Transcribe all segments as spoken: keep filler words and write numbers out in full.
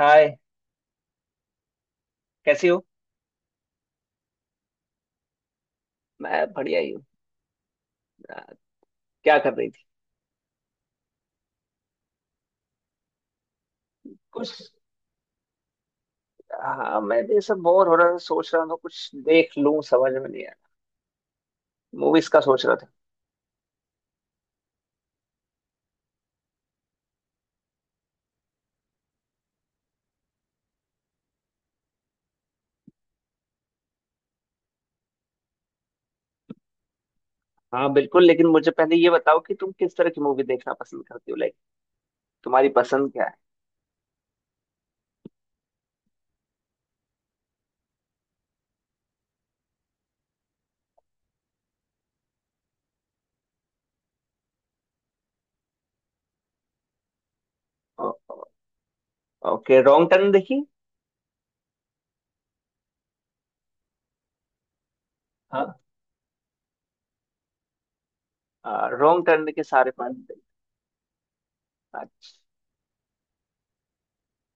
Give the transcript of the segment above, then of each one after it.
हाय। कैसी हो? मैं बढ़िया ही हूँ। आ, क्या कर रही थी? कुछ? हाँ, मैं भी सब बोर हो रहा था, सोच रहा था कुछ देख लूं, समझ में नहीं आया। मूवीज का सोच रहा था। हाँ बिल्कुल, लेकिन मुझे पहले ये बताओ कि तुम किस तरह की मूवी देखना पसंद करती हो? लाइक, तुम्हारी पसंद क्या है? ओ, ओ, ओके, रॉन्ग टर्न देखी? हाँ, रॉन्ग टर्न के सारे पार्ट देखे। हाँ।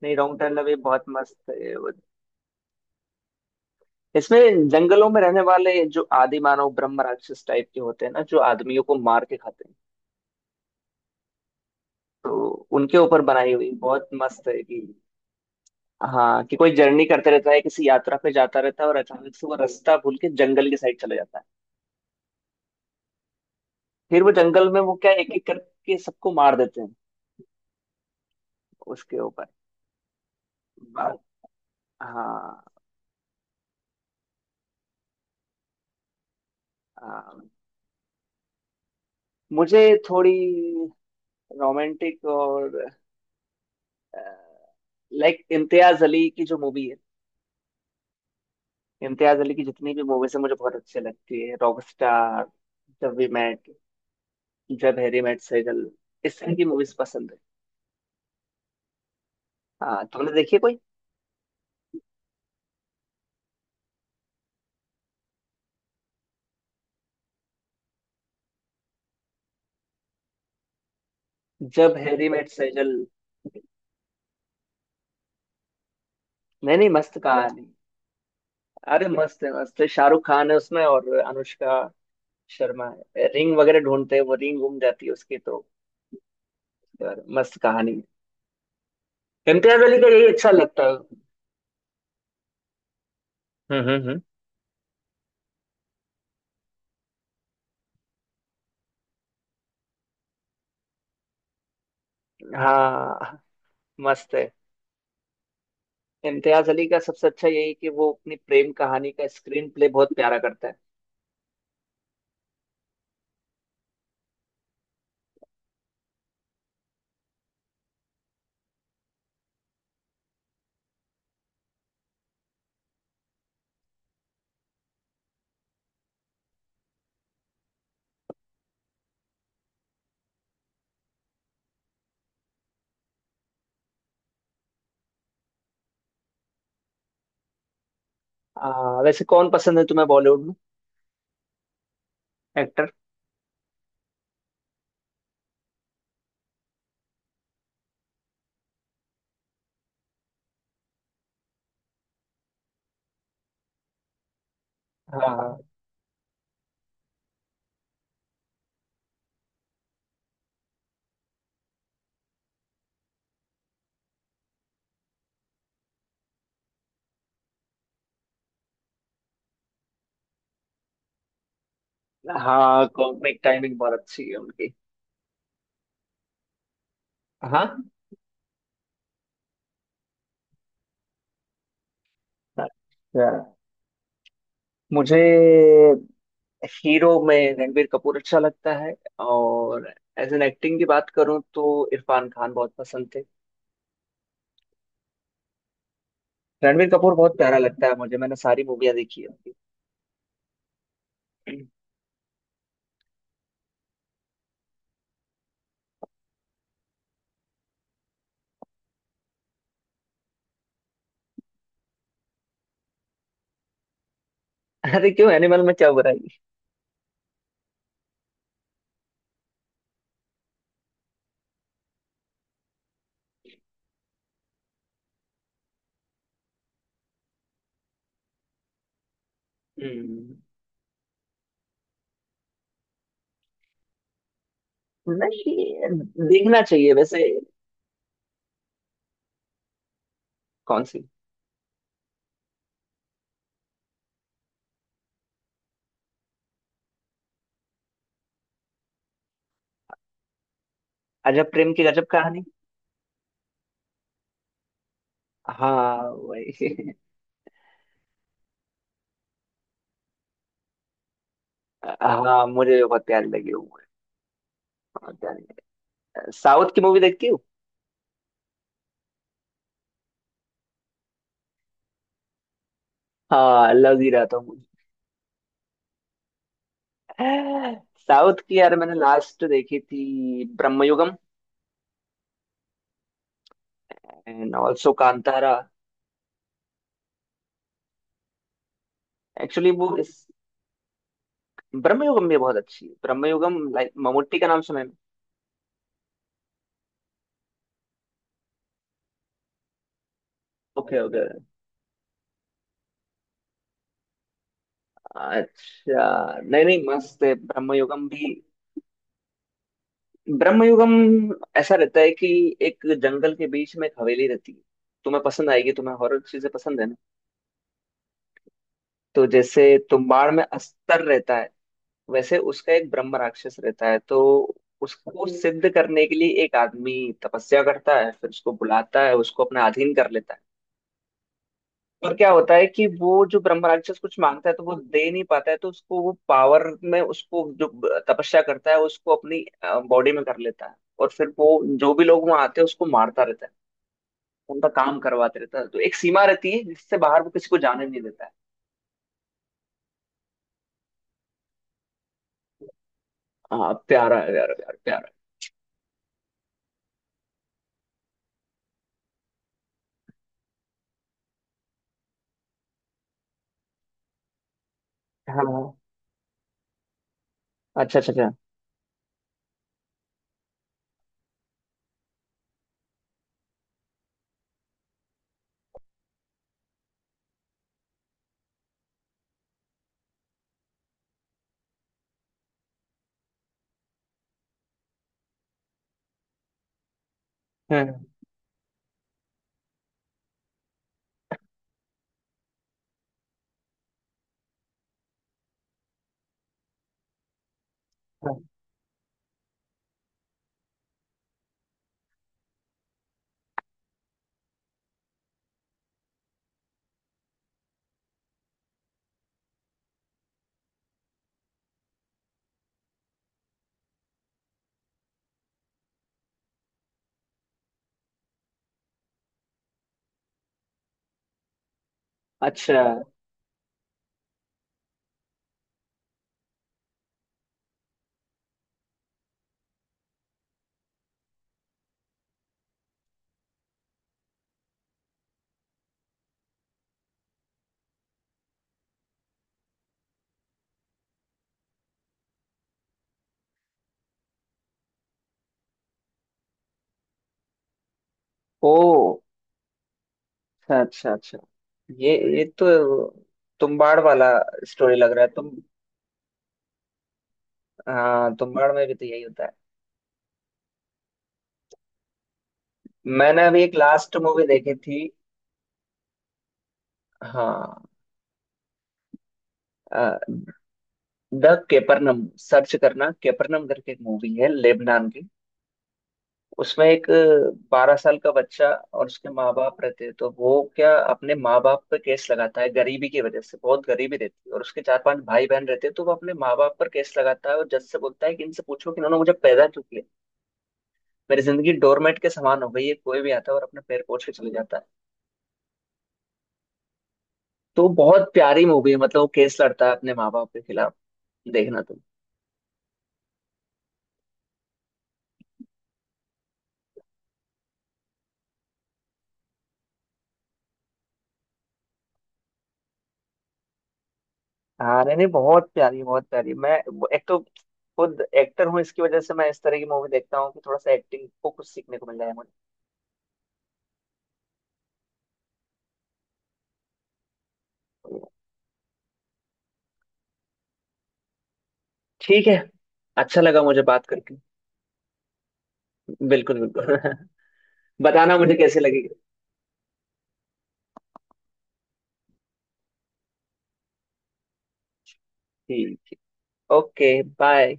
नहीं, रॉन्ग टर्न अभी बहुत मस्त है। वो- इसमें जंगलों में रहने वाले जो आदि मानव ब्रह्म राक्षस टाइप के होते हैं ना, जो आदमियों को मार के खाते हैं, तो उनके ऊपर बनाई हुई बहुत मस्त है कि हाँ, कि कोई जर्नी करते रहता है, किसी यात्रा पे जाता रहता है और अचानक से वो रास्ता भूल के जंगल की साइड चला जाता है। फिर वो जंगल में वो क्या, एक एक करके सबको मार देते हैं। उसके ऊपर। बा- हाँ। हाँ, मुझे थोड़ी रोमांटिक, और लाइक इम्तियाज अली की जो मूवी है, इम्तियाज अली की जितनी भी मूवीज है मुझे बहुत अच्छी लगती है। Rockstar, Jab we met, Jab Harry met Sejal, इस तरह की मूवीज पसंद है। हाँ, तुमने देखी है कोई? जब हैरी मेट सेजल? नहीं नहीं, मस्त कहानी। अरे, मस्त है, मस्त है। शाहरुख खान है उसमें और अनुष्का शर्मा। है रिंग वगैरह ढूंढते हैं, वो रिंग गुम जाती है उसकी, तो यार, मस्त कहानी है। इम्तियाज अली का यही अच्छा लगता है। हम्म हम्म हम्म। हाँ, मस्त है। इम्तियाज अली का सबसे अच्छा यही है कि वो अपनी प्रेम कहानी का स्क्रीन प्ले बहुत प्यारा करता है। आ, वैसे कौन पसंद है तुम्हें बॉलीवुड में? एक्टर? हाँ। हाँ, कॉमिक टाइमिंग बहुत अच्छी है उनकी। हाँ। यार, मुझे हीरो में रणबीर कपूर अच्छा लगता है, और एज एन एक्टिंग की बात करूं तो इरफान खान बहुत पसंद थे। रणबीर कपूर बहुत प्यारा लगता है मुझे। मैंने सारी मूवियां देखी है उनकी। अरे क्यों, एनिमल में क्या बुराई? हम्म। नहीं, देखना चाहिए वैसे। कौन सी? अजब प्रेम की गजब कहानी? हाँ, वही। हाँ, मुझे बहुत प्यारी लगी वो movie, बहुत प्यारी। साउथ की मूवी देखती हूँ। हाँ, लव ही रहा था। साउथ की, यार मैंने लास्ट देखी थी Bramayugam, and also Kantara. Actually वो इस, ब्रह्मयुगम भी बहुत अच्छी है। ब्रह्मयुगम, लाइक ममूटी का नाम सुना है? Okay okay. अच्छा। नहीं नहीं, मस्त है ब्रह्मयुगम भी। ब्रह्मयुगम ऐसा रहता है कि एक जंगल के बीच में एक हवेली रहती है। तुम्हें पसंद आएगी, तुम्हें हॉरर चीजें पसंद है ना। तो जैसे तुम्बाड़ में अस्तर रहता है, वैसे उसका एक ब्रह्म राक्षस रहता है। तो उसको सिद्ध करने के लिए एक आदमी तपस्या करता है, फिर उसको बुलाता है, उसको अपना अधीन कर लेता है। पर क्या होता है कि वो जो ब्रह्म राक्षस कुछ मांगता है, तो वो दे नहीं पाता है, तो उसको वो पावर में, उसको जो ब- तपस्या करता है उसको, अपनी बॉडी में कर लेता है। और फिर वो जो भी लोग वहां आते हैं उसको मारता रहता है, उनका काम करवाते रहता है। तो एक सीमा रहती है, जिससे बाहर वो किसी को जाने नहीं देता है। हाँ, प्यारा है, प्यारा प्यारा प्यारा है। हाँ हाँ। अच्छा अच्छा अच्छा। हम्म हम्म। अच्छा। ओ, अच्छा अच्छा अच्छा। ये ये तो तुम्बाड़ वाला स्टोरी लग रहा है तुम? हाँ, तुम्बाड़ में भी तो यही होता है। मैंने अभी एक लास्ट मूवी देखी थी। हाँ। द केपरनम, सर्च करना केपरनम करके, एक मूवी है लेबनान की। उसमें एक बारह साल का बच्चा और उसके माँ बाप रहते हैं, तो वो क्या, अपने माँ बाप पर केस लगाता है, गरीबी की वजह से। बहुत गरीबी रहती है और उसके चार पांच भाई बहन रहते हैं, तो वो अपने माँ बाप पर केस लगाता है और जज से बोलता है कि इनसे पूछो कि इन्होंने मुझे पैदा क्यों किया। मेरी जिंदगी डोरमेट के समान हो गई है, कोई भी आता है और अपने पैर पोछ के चले जाता है। तो बहुत प्यारी मूवी है, मतलब वो केस लड़ता है अपने माँ बाप के खिलाफ। देखना तुम। हाँ नहीं नहीं, बहुत प्यारी, बहुत प्यारी। मैं वो- एक तो खुद एक्टर हूँ, इसकी वजह से मैं इस तरह की मूवी देखता हूँ कि थोड़ा सा एक्टिंग को कुछ सीखने को मिल जाए मुझे। ठीक है, अच्छा लगा मुझे बात करके। बिल्कुल बिल्कुल। बताना मुझे कैसे लगेगी। ठीक ठीक। Okay bye.